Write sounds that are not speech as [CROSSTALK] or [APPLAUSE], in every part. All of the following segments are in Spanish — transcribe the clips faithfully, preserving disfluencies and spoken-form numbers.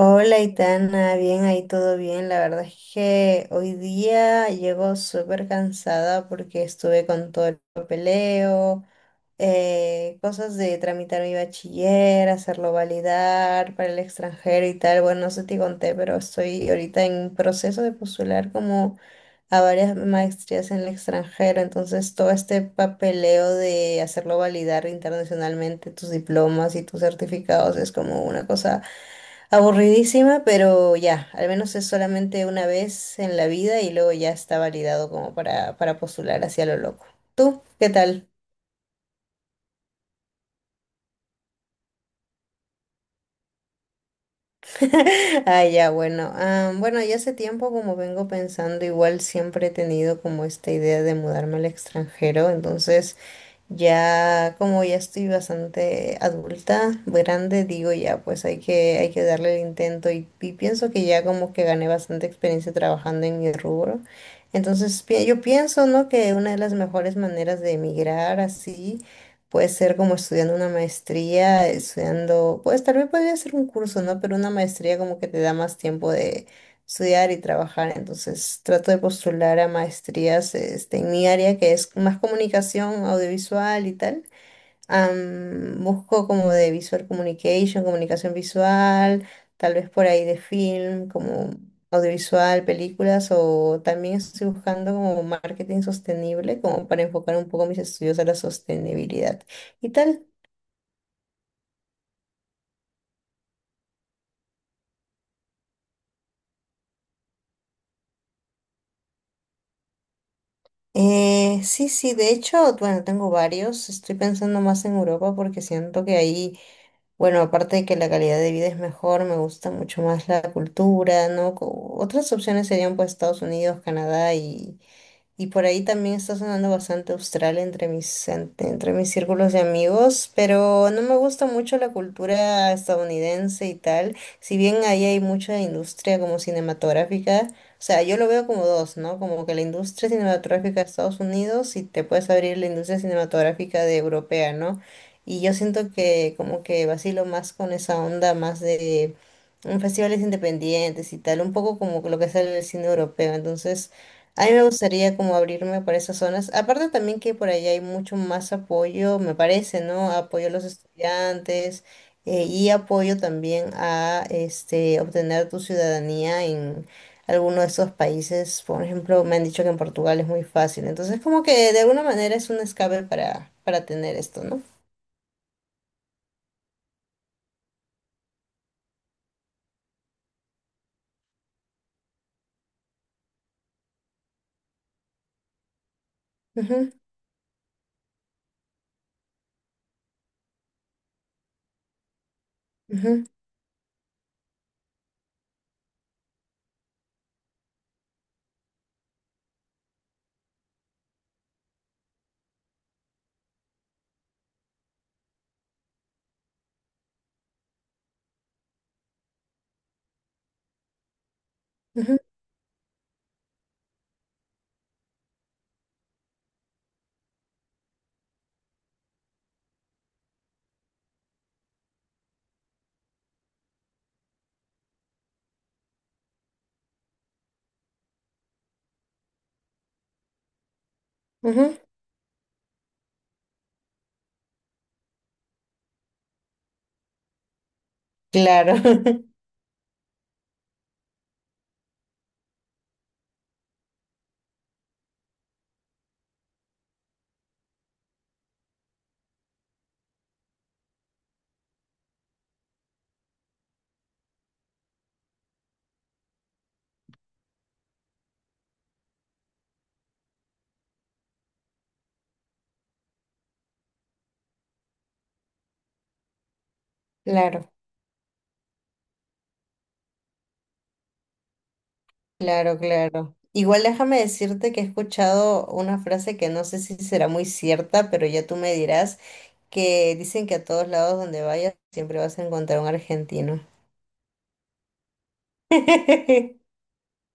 Hola, Itana, bien ahí, todo bien. La verdad es que hoy día llego súper cansada porque estuve con todo el papeleo, eh, cosas de tramitar mi bachiller, hacerlo validar para el extranjero y tal. Bueno, no sé si te conté, pero estoy ahorita en proceso de postular como a varias maestrías en el extranjero. Entonces, todo este papeleo de hacerlo validar internacionalmente tus diplomas y tus certificados es como una cosa aburridísima, pero ya, al menos es solamente una vez en la vida y luego ya está validado como para, para, postular hacia lo loco. ¿Tú? ¿Qué tal? [LAUGHS] Ah, ya, bueno. Ah, bueno, ya hace tiempo como vengo pensando, igual siempre he tenido como esta idea de mudarme al extranjero, entonces... Ya como ya estoy bastante adulta, grande, digo ya, pues hay que, hay que darle el intento y, y pienso que ya como que gané bastante experiencia trabajando en mi rubro. Entonces pi- yo pienso, ¿no? Que una de las mejores maneras de emigrar así puede ser como estudiando una maestría, estudiando, pues tal vez podría ser un curso, ¿no? Pero una maestría como que te da más tiempo de estudiar y trabajar. Entonces trato de postular a maestrías este, en mi área, que es más comunicación audiovisual y tal. Am, busco como de visual communication, comunicación visual, tal vez por ahí de film, como audiovisual, películas, o también estoy buscando como marketing sostenible, como para enfocar un poco mis estudios a la sostenibilidad y tal. Eh, sí, sí, de hecho, bueno, tengo varios. Estoy pensando más en Europa porque siento que ahí, bueno, aparte de que la calidad de vida es mejor, me gusta mucho más la cultura, ¿no? Co- Otras opciones serían pues Estados Unidos, Canadá y, y por ahí también está sonando bastante Australia entre mis, en- entre mis círculos de amigos, pero no me gusta mucho la cultura estadounidense y tal. Si bien ahí hay mucha industria como cinematográfica, o sea, yo lo veo como dos, ¿no? Como que la industria cinematográfica de Estados Unidos y te puedes abrir la industria cinematográfica de europea, ¿no? Y yo siento que como que vacilo más con esa onda más de mm, festivales independientes y tal, un poco como lo que sale del cine europeo. Entonces... A mí me gustaría como abrirme por esas zonas. Aparte también que por allá hay mucho más apoyo, me parece, ¿no? Apoyo a los estudiantes eh, y apoyo también a este, obtener tu ciudadanía en alguno de esos países. Por ejemplo, me han dicho que en Portugal es muy fácil. Entonces, como que de alguna manera es un escape para, para tener esto, ¿no? Ujú, ujú, ujú, ujú. Claro, [LAUGHS] claro. Claro, claro. Igual déjame decirte que he escuchado una frase que no sé si será muy cierta, pero ya tú me dirás, que dicen que a todos lados donde vayas siempre vas a encontrar un argentino.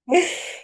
[LAUGHS]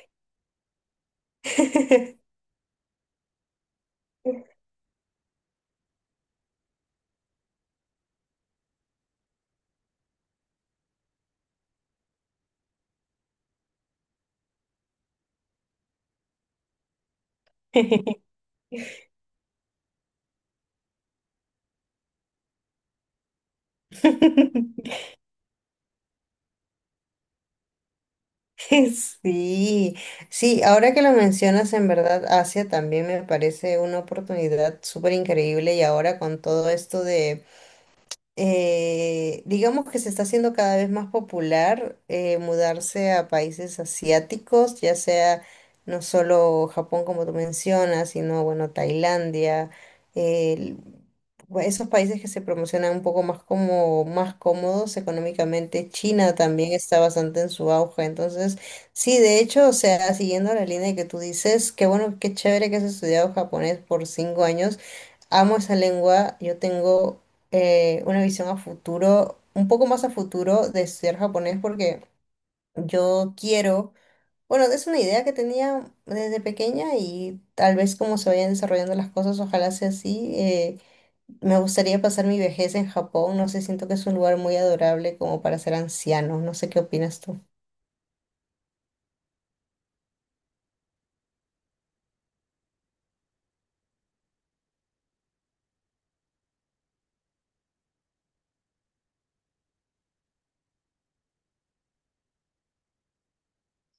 Sí, sí, ahora que lo mencionas, en verdad, Asia también me parece una oportunidad súper increíble y ahora con todo esto de... eh, digamos que se está haciendo cada vez más popular eh, mudarse a países asiáticos, ya sea no solo Japón como tú mencionas, sino bueno, Tailandia, el- bu- esos países que se promocionan un poco más como más cómodos económicamente. China también está bastante en su auge, entonces sí, de hecho, o sea, siguiendo la línea que tú dices, qué bueno, qué chévere que has estudiado japonés por cinco años. Amo esa lengua, yo tengo eh, una visión a futuro, un poco más a futuro de ser japonés porque yo quiero, bueno, es una idea que tenía desde pequeña y tal vez como se vayan desarrollando las cosas, ojalá sea así. Eh, me gustaría pasar mi vejez en Japón, no sé, siento que es un lugar muy adorable como para ser anciano, no sé qué opinas tú.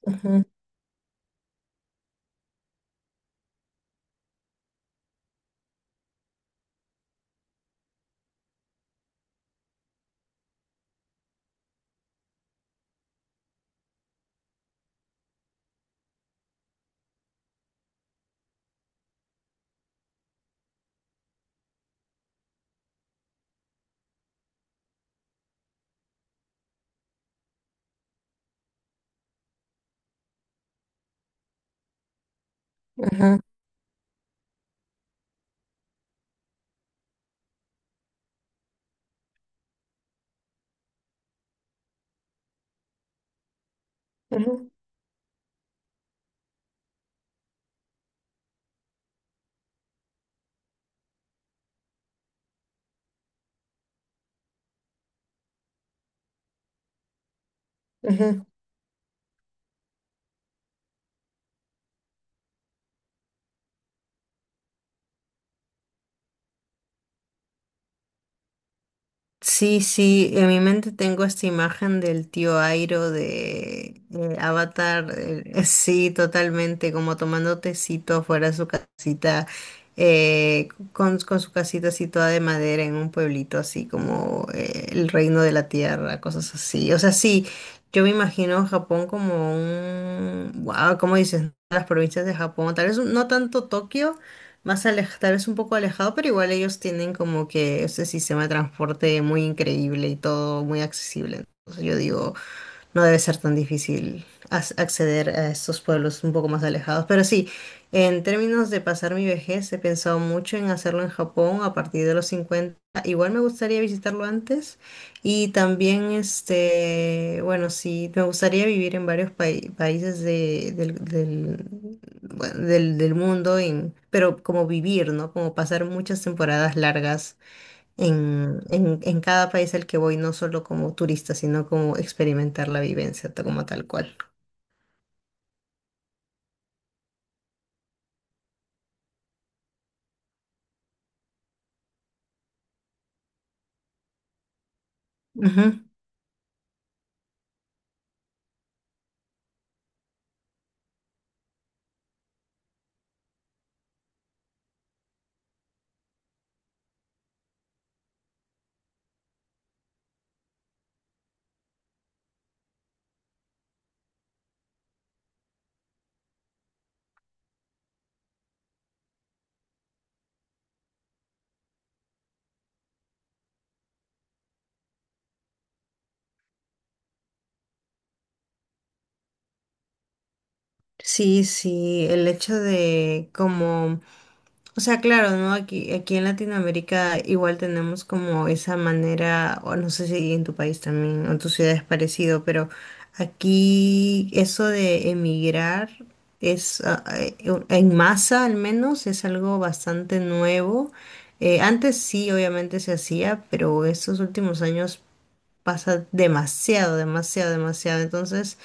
Ujú, ujú, ujú, ujú. Sí, sí, en mi mente tengo esta imagen del tío Airo de eh, Avatar, eh, [LAUGHS] sí, totalmente, como tomando tecito afuera de su casita, eh, con, con, su casita así toda de madera en un pueblito así como eh, el reino de la tierra, cosas así. O sea, sí, yo me imagino Japón como un, wow, ¿cómo dices? Las provincias de Japón, tal vez no tanto Tokio más alejado, tal vez un poco alejado, pero igual ellos tienen como que ese sistema de transporte muy increíble y todo muy accesible. Entonces yo digo, no debe ser tan difícil as- acceder a estos pueblos un poco más alejados. Pero sí, en términos de pasar mi vejez, he pensado mucho en hacerlo en Japón a partir de los cincuenta. Igual me gustaría visitarlo antes y también, este, bueno, sí, me gustaría vivir en varios pai- países de- del, del, bueno, del, del mundo, en- pero como vivir, ¿no? Como pasar muchas temporadas largas en, en, en cada país al que voy, no solo como turista, sino como experimentar la vivencia ta- como tal cual. Ujú. Sí, sí, el hecho de como, o sea, claro, ¿no? Aquí, aquí en Latinoamérica igual tenemos como esa manera, o no sé si en tu país también, o en tu ciudad es parecido, pero aquí eso de emigrar es, ah, eh, en masa al menos, es algo bastante nuevo. Eh, antes sí, obviamente se hacía, pero estos últimos años pasa demasiado, demasiado, demasiado. Entonces...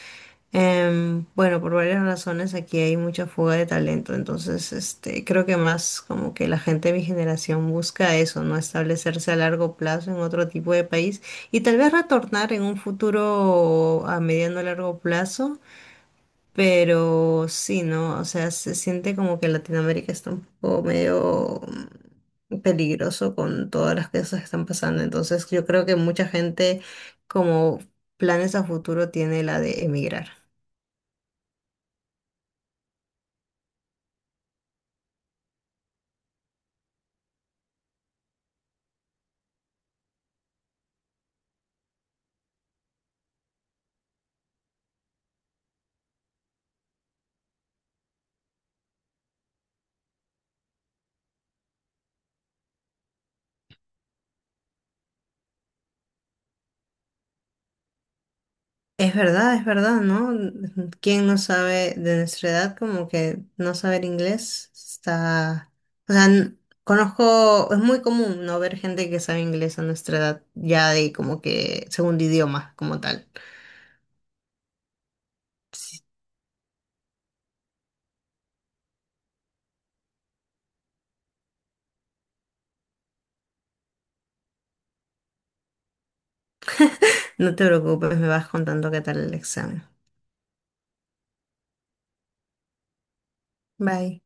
Em, bueno, por varias razones aquí hay mucha fuga de talento, entonces este, creo que más como que la gente de mi generación busca eso, ¿no? Establecerse a largo plazo en otro tipo de país y tal vez retornar en un futuro a mediano o largo plazo, pero sí, ¿no? O sea, se siente como que Latinoamérica está un poco medio mm, peligroso con todas las cosas que están pasando, entonces yo creo que mucha gente como planes a futuro tiene la de emigrar. Es verdad, es verdad, ¿no? ¿Quién no sabe de nuestra edad como que no saber inglés está... O sea, n- conozco, es muy común no ver gente que sabe inglés a nuestra edad, ya de como que segundo idioma como tal. Sí. No te preocupes, me vas contando qué tal el examen. Bye.